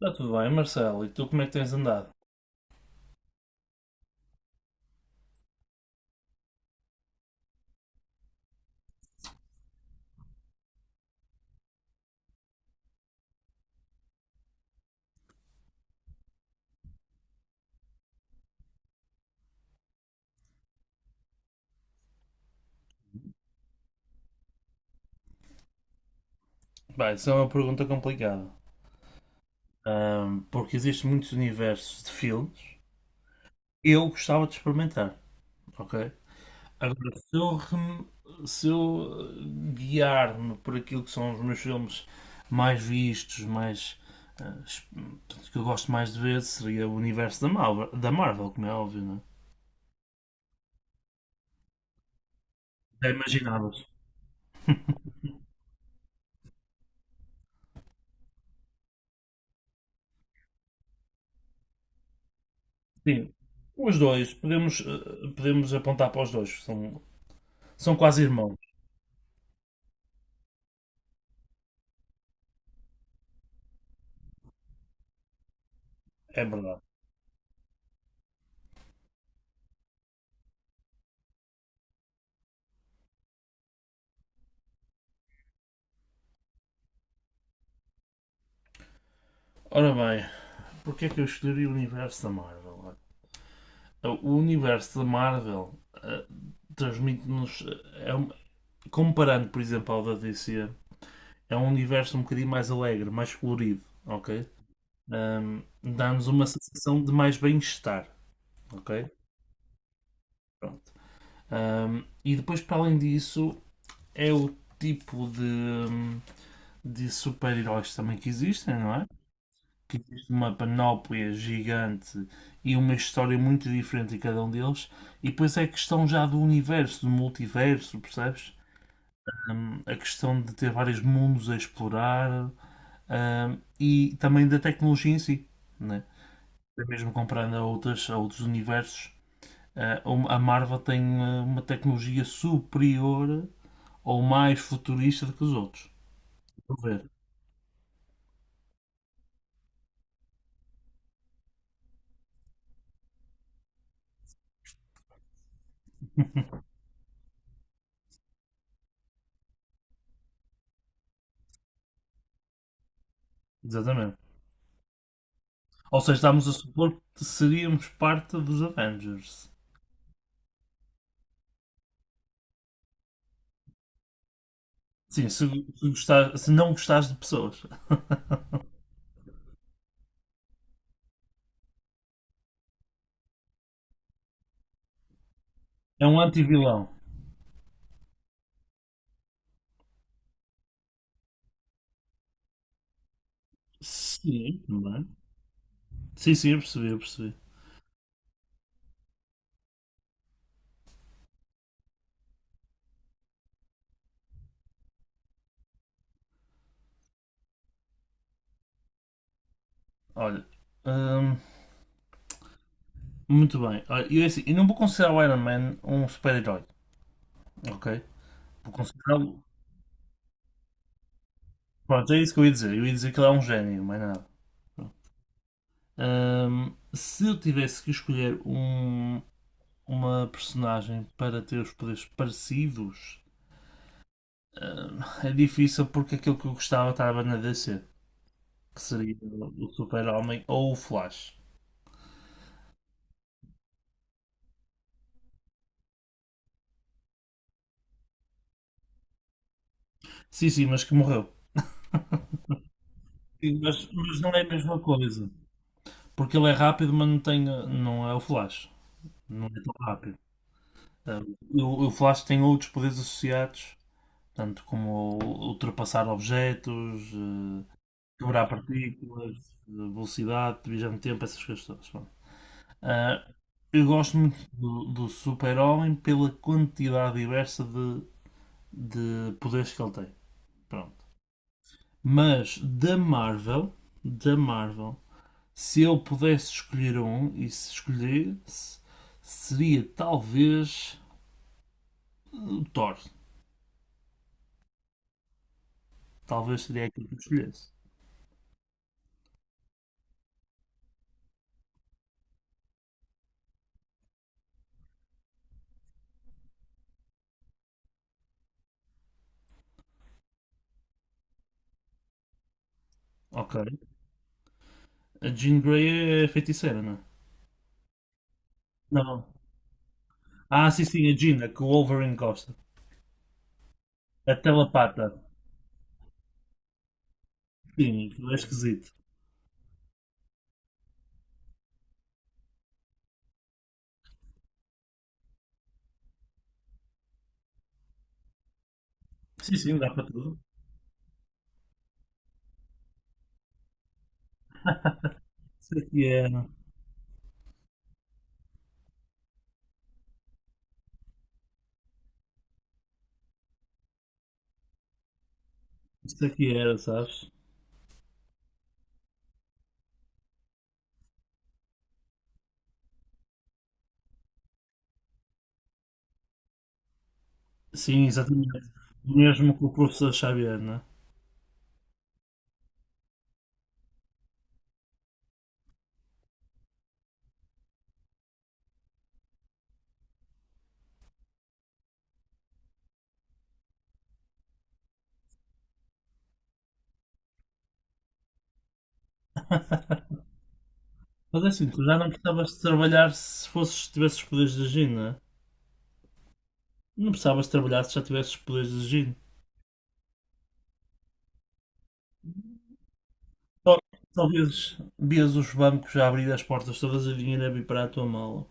Está tudo bem, Marcelo. E tu como é que tens andado? Bem, isso é uma pergunta complicada. Porque existem muitos universos de filmes. Eu gostava de experimentar, ok? Agora, se eu guiar-me por aquilo que são os meus filmes mais vistos, eh, es- portanto, que eu gosto mais de ver, seria o universo da Marvel como é óbvio, não é? Já imaginavas? Sim, os dois. Podemos, podemos apontar para os dois. São quase irmãos, é verdade. Ora bem, porquê é que eu escolhi o universo da Marvel? Então, o universo da Marvel transmite-nos. Comparando, por exemplo, ao da DC, é um universo um bocadinho mais alegre, mais colorido, ok? Dá-nos uma sensação de mais bem-estar, ok? Pronto. E depois, para além disso, é o tipo de, de super-heróis também que existem, não é? Que existe uma panóplia gigante e uma história muito diferente em cada um deles, e depois é a questão já do universo, do multiverso, percebes? A questão de ter vários mundos a explorar, e também da tecnologia em si, né? Até mesmo comparando a outros universos, ah, a Marvel tem uma tecnologia superior ou mais futurista do que os outros. Vou ver, exatamente. Ou seja, estamos a supor que seríamos parte dos Avengers. Sim, se se não gostares de pessoas. É um anti-vilão. Sim, também. Sim, sim, eu percebi. Olha, hum, muito bem. Olha, eu, é assim, eu não vou considerar o Iron Man um super-herói, ok? Vou considerá-lo. Pronto, é isso que eu ia dizer. Eu ia dizer que ele é um gênio, mais nada. Pronto. Se eu tivesse que escolher um, uma personagem para ter os poderes parecidos, é difícil porque aquilo que eu gostava estava na DC. Que seria o Super-Homem, ou o Flash. Sim, sim, mas que morreu. Sim, mas não é a mesma coisa. Porque ele é rápido, mas não é o Flash. Não é tão rápido. O Flash tem outros poderes associados, tanto como ultrapassar objetos, quebrar partículas, velocidade, divisão de tempo, essas coisas todas. Bom, uh, eu gosto muito do Super-Homem pela quantidade diversa de poderes que ele tem. Pronto. Mas da Marvel, Da Marvel, se eu pudesse escolher um e se escolhesse, seria talvez o Thor. Talvez seria aquele que eu escolhesse. Ok. A Jean Grey é feiticeira, não é? Não. Ah, sim, sim, a Jean, a que o Wolverine gosta. A telepata. Sim, aquilo é esquisito. Sim, sim, dá para tudo. Isso aqui era. Isso aqui era, sabes? Sim, exatamente. O mesmo que o professor Xavier, não é? Mas é assim, tu já não precisavas de trabalhar se fosses, tivesses os poderes de Jin, não é? Não precisavas de trabalhar se já tivesses os poderes de Jin. Só, só vias, vias os bancos a abrir as portas todas e o dinheiro a vir para a tua mala.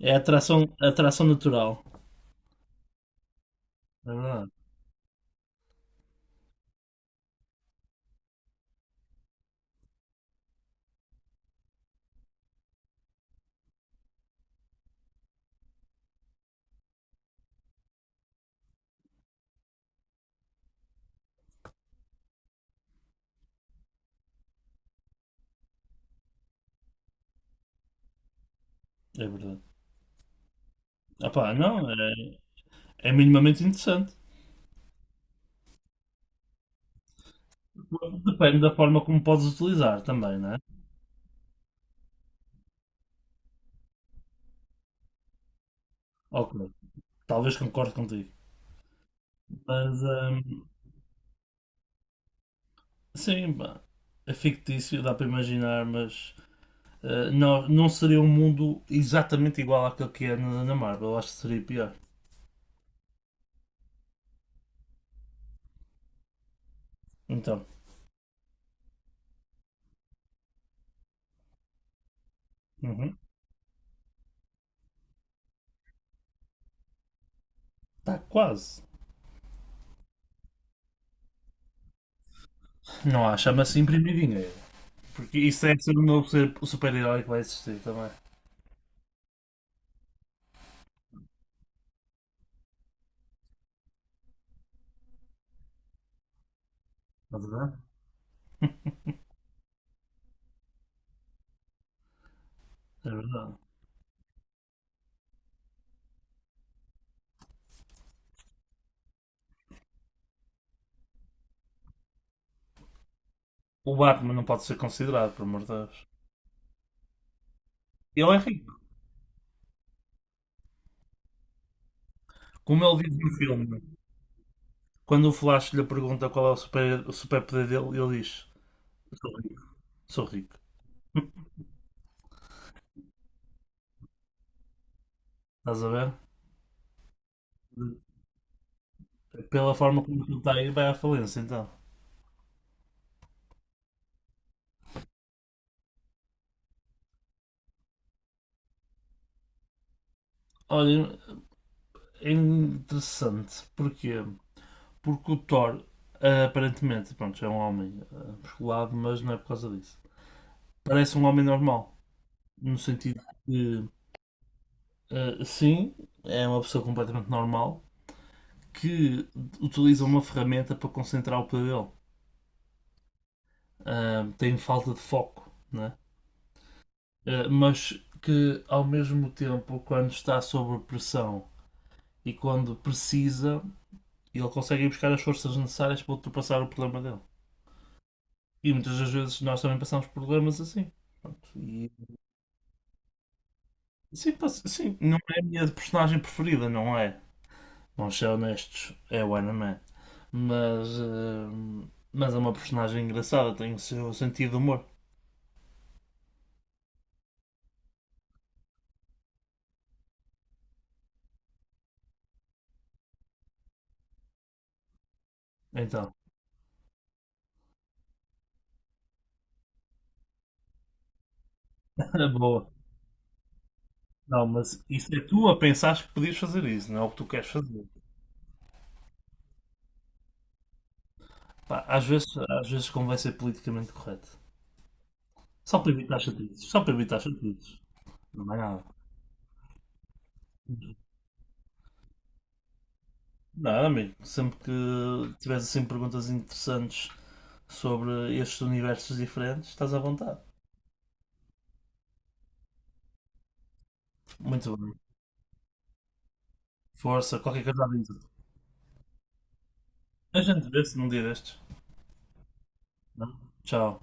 É atração, atração natural. É verdade. É verdade. Ah pá, não, é, É minimamente interessante. Depende da forma como podes utilizar também, não é? Ok, talvez concorde contigo. Mas, sim, pá, é fictício, dá para imaginar, mas não seria um mundo exatamente igual àquele que é na Marvel, acho que seria pior. Então, uhum, está quase. Não há, chama-se imprimir dinheiro. Porque isso é ser o o super-herói que vai existir também. É verdade? É verdade. O Batman não pode ser considerado, por amor de Deus. Ele é rico. Como ele diz no filme, quando o Flash lhe pergunta qual é o o super-poder dele, ele diz: Sou rico. Sou rico. Estás a ver? Pela forma como ele está aí, vai à falência então. Olha, é interessante. Porquê? Porque o Thor, aparentemente, pronto, é um homem musculado, mas não é por causa disso. Parece um homem normal, no sentido que, ah, sim, é uma pessoa completamente normal que utiliza uma ferramenta para concentrar o poder dele. Ah, tem falta de foco, né? Ah, mas que ao mesmo tempo, quando está sob pressão e quando precisa, ele consegue ir buscar as forças necessárias para ultrapassar o problema dele. E muitas das vezes nós também passamos por problemas assim. Pronto, e- Sim, sim, não é a minha personagem preferida, não é? Vamos ser honestos, é o Anaman. Mas, mas é uma personagem engraçada, tem o seu sentido de humor. Então, boa. Não, mas isso é tu a pensares que podias fazer isso, não é o que tu queres fazer. Pá, às vezes, Às vezes convém ser politicamente correto. Só para evitar chatices. Só para evitar chatices. Não é nada. Não, amigo. Sempre que tivesse assim perguntas interessantes sobre estes universos diferentes, estás à vontade. Muito bem. Força, qualquer coisa a dizer. A gente vê-se num dia destes. Não? Tchau.